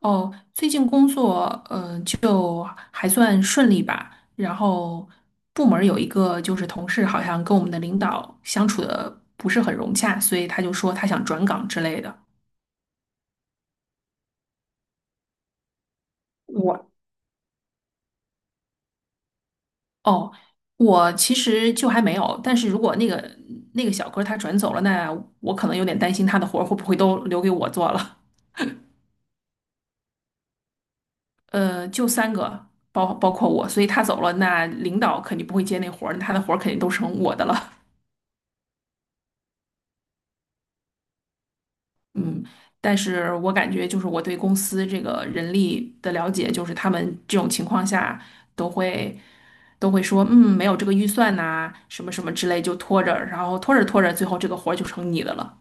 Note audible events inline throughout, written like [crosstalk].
哦，最近工作，就还算顺利吧。然后部门儿有一个就是同事好像跟我们的领导相处的不是很融洽，所以他就说他想转岗之类的。我哦，我其实就还没有，但是如果那个小哥他转走了，那我可能有点担心他的活儿会不会都留给我做了。就三个，包括我，所以他走了，那领导肯定不会接那活儿，那他的活儿肯定都成我的了。嗯，但是我感觉就是我对公司这个人力的了解，就是他们这种情况下都会都会说，没有这个预算呐、什么什么之类，就拖着，然后拖着拖着，最后这个活儿就成你的了。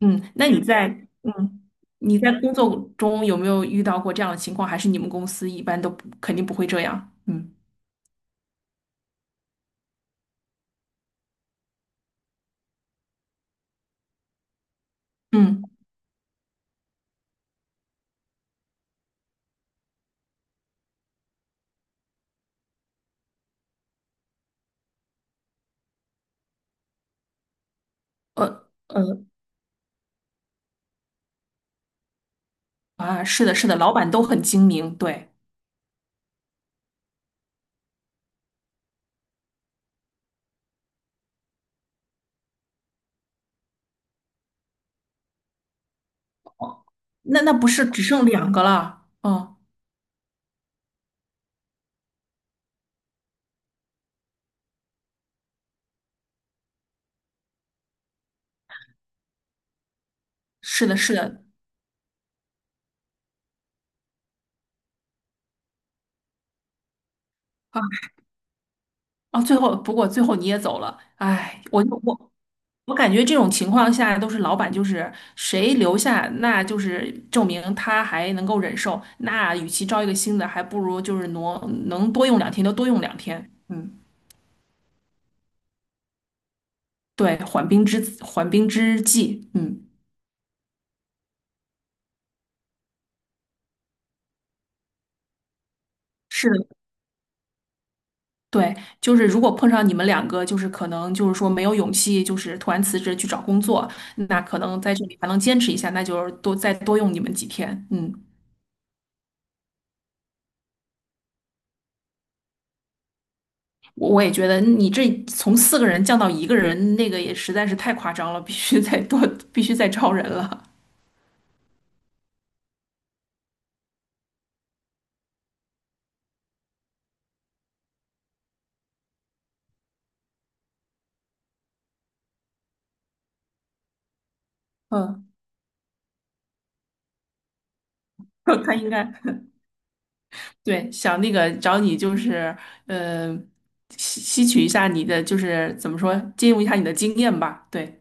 嗯，那你在嗯你在工作中有没有遇到过这样的情况？还是你们公司一般都不肯定不会这样？嗯嗯，呃呃啊，是的，是的，老板都很精明。对，那不是只剩两个了？嗯，是的，是的。哦，不过最后你也走了。哎，我就我我感觉这种情况下都是老板，就是谁留下，那就是证明他还能够忍受，那与其招一个新的，还不如就是能多用两天就多用两天。嗯，对，缓兵之计，嗯，是的，对。就是如果碰上你们两个，就是可能就是说没有勇气，就是突然辞职去找工作，那可能在这里还能坚持一下，那就是再多用你们几天。嗯。我也觉得你这从四个人降到一个人，那个也实在是太夸张了，必须再多，必须再招人了 [laughs]。嗯，[laughs] 他应该对，想那个找你就是，呃，吸取一下你的就是怎么说，借用一下你的经验吧。对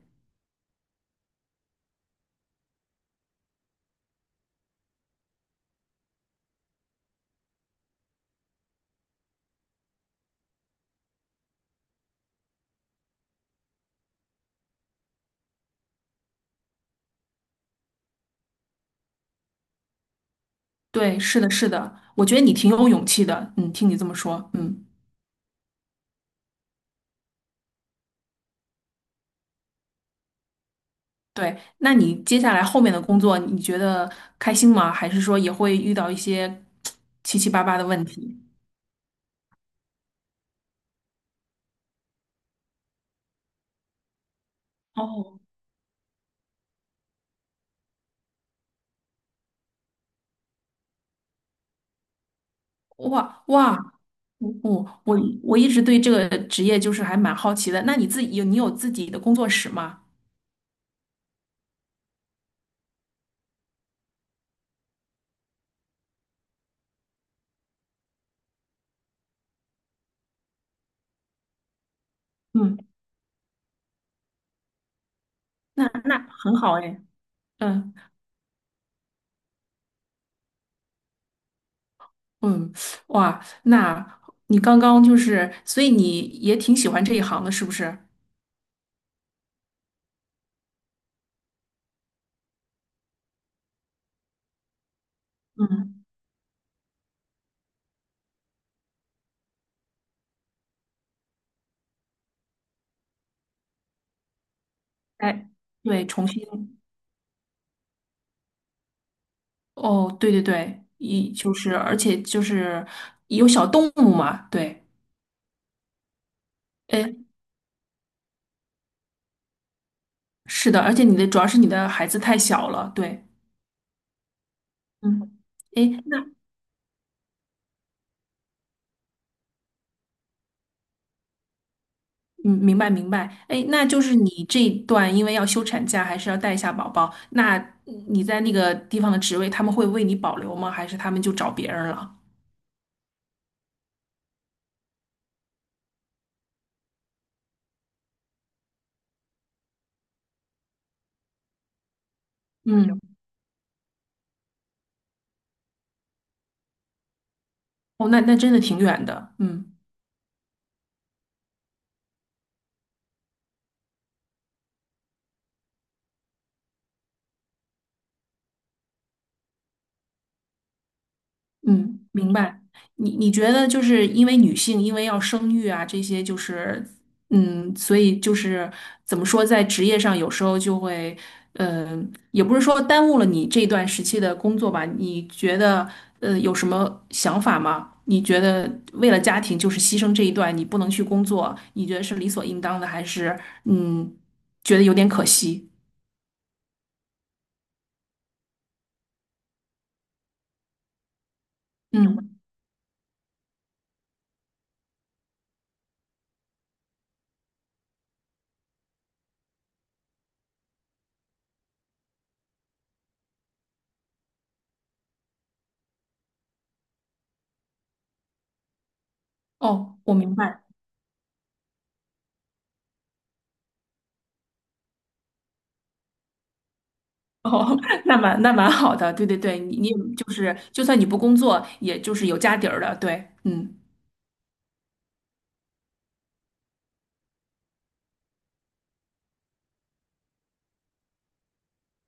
对，是的，是的，我觉得你挺有勇气的。嗯，听你这么说。嗯，对。那你接下来后面的工作，你觉得开心吗？还是说也会遇到一些 [tsk] 七七八八的问题？哦，哇哇，我我我我一直对这个职业就是还蛮好奇的。那你有自己的工作室吗？嗯，那很好哎。嗯嗯，哇，那你刚刚就是，所以你也挺喜欢这一行的，是不是？嗯，哎，对，重新，哦，对对对，就是，而且就是有小动物嘛。对，哎，是的，而且主要是你的孩子太小了。对，嗯，哎，那。嗯，明白明白。哎，那就是你这一段因为要休产假，还是要带一下宝宝，那你在那个地方的职位，他们会为你保留吗？还是他们就找别人了？嗯，哦，那真的挺远的。嗯。嗯，明白。你觉得就是因为女性因为要生育啊，这些就是所以就是怎么说，在职业上有时候就会，也不是说耽误了你这段时期的工作吧？你觉得有什么想法吗？你觉得为了家庭就是牺牲这一段，你不能去工作，你觉得是理所应当的，还是嗯觉得有点可惜？嗯，哦，我明白。哦，[laughs] 那蛮好的，对对对，你就是，就算你不工作，也就是有家底儿的。对，嗯，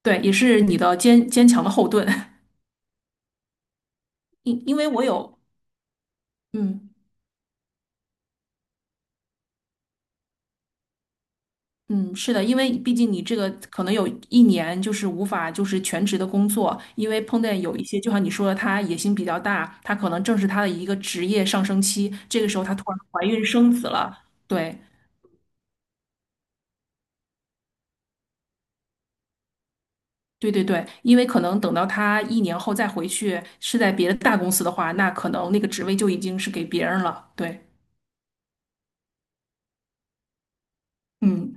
对，也是你的坚强的后盾。[laughs] 因为我有，嗯嗯，是的，因为毕竟你这个可能有一年就是无法就是全职的工作，因为碰见有一些，就像你说的，他野心比较大，他可能正是他的一个职业上升期，这个时候他突然怀孕生子了。对，对对对，因为可能等到他一年后再回去，是在别的大公司的话，那可能那个职位就已经是给别人了。对，嗯，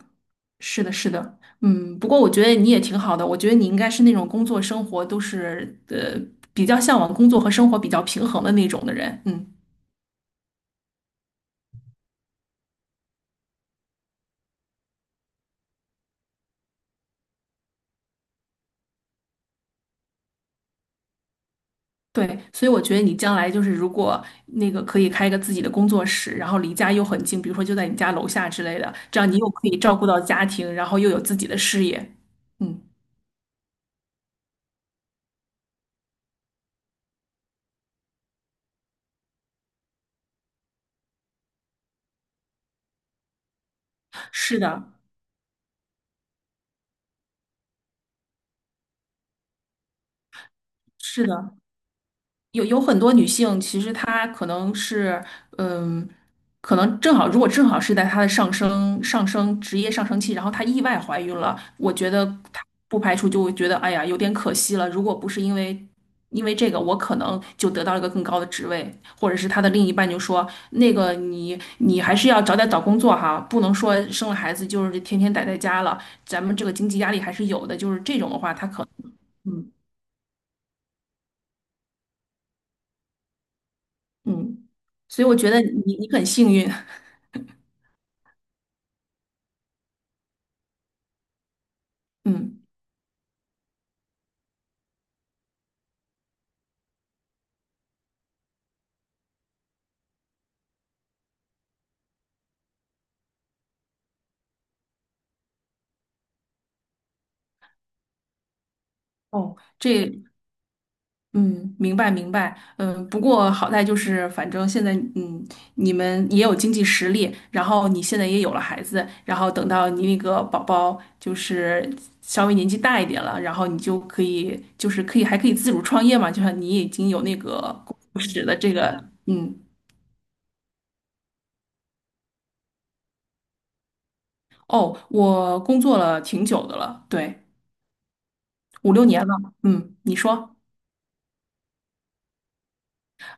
是的，是的。嗯。不过我觉得你也挺好的，我觉得你应该是那种工作生活都是比较向往工作和生活比较平衡的那种的人。嗯，对，所以我觉得你将来就是如果那个可以开一个自己的工作室，然后离家又很近，比如说就在你家楼下之类的，这样你又可以照顾到家庭，然后又有自己的事业。嗯，是的，是的。有很多女性，其实她可能是，嗯，可能正好，如果正好是在她的上升职业上升期，然后她意外怀孕了，我觉得她不排除就会觉得，哎呀，有点可惜了。如果不是因为这个，我可能就得到了一个更高的职位，或者是她的另一半就说，那个你还是要早点找工作哈，不能说生了孩子就是天天待在家了，咱们这个经济压力还是有的。就是这种的话，她可嗯嗯，所以我觉得你很幸运。嗯，哦，这。嗯，明白明白。嗯，不过好在就是，反正现在，嗯，你们也有经济实力，然后你现在也有了孩子，然后等到你那个宝宝就是稍微年纪大一点了，然后你就可以，就是可以还可以自主创业嘛，就像你已经有那个工作室的这个。嗯，哦，我工作了挺久的了。对，五六年了。嗯，你说。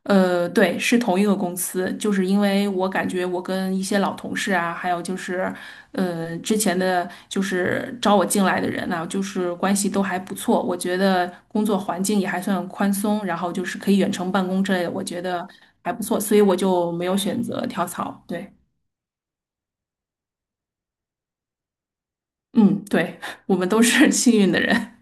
对，是同一个公司，就是因为我感觉我跟一些老同事啊，还有就是，之前的就是招我进来的人啊，就是关系都还不错，我觉得工作环境也还算宽松，然后就是可以远程办公之类的，我觉得还不错，所以我就没有选择跳槽。对，嗯，对，[laughs] 我们都是 [laughs] 幸运的人。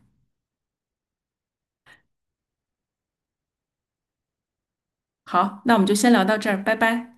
好，那我们就先聊到这儿，拜拜。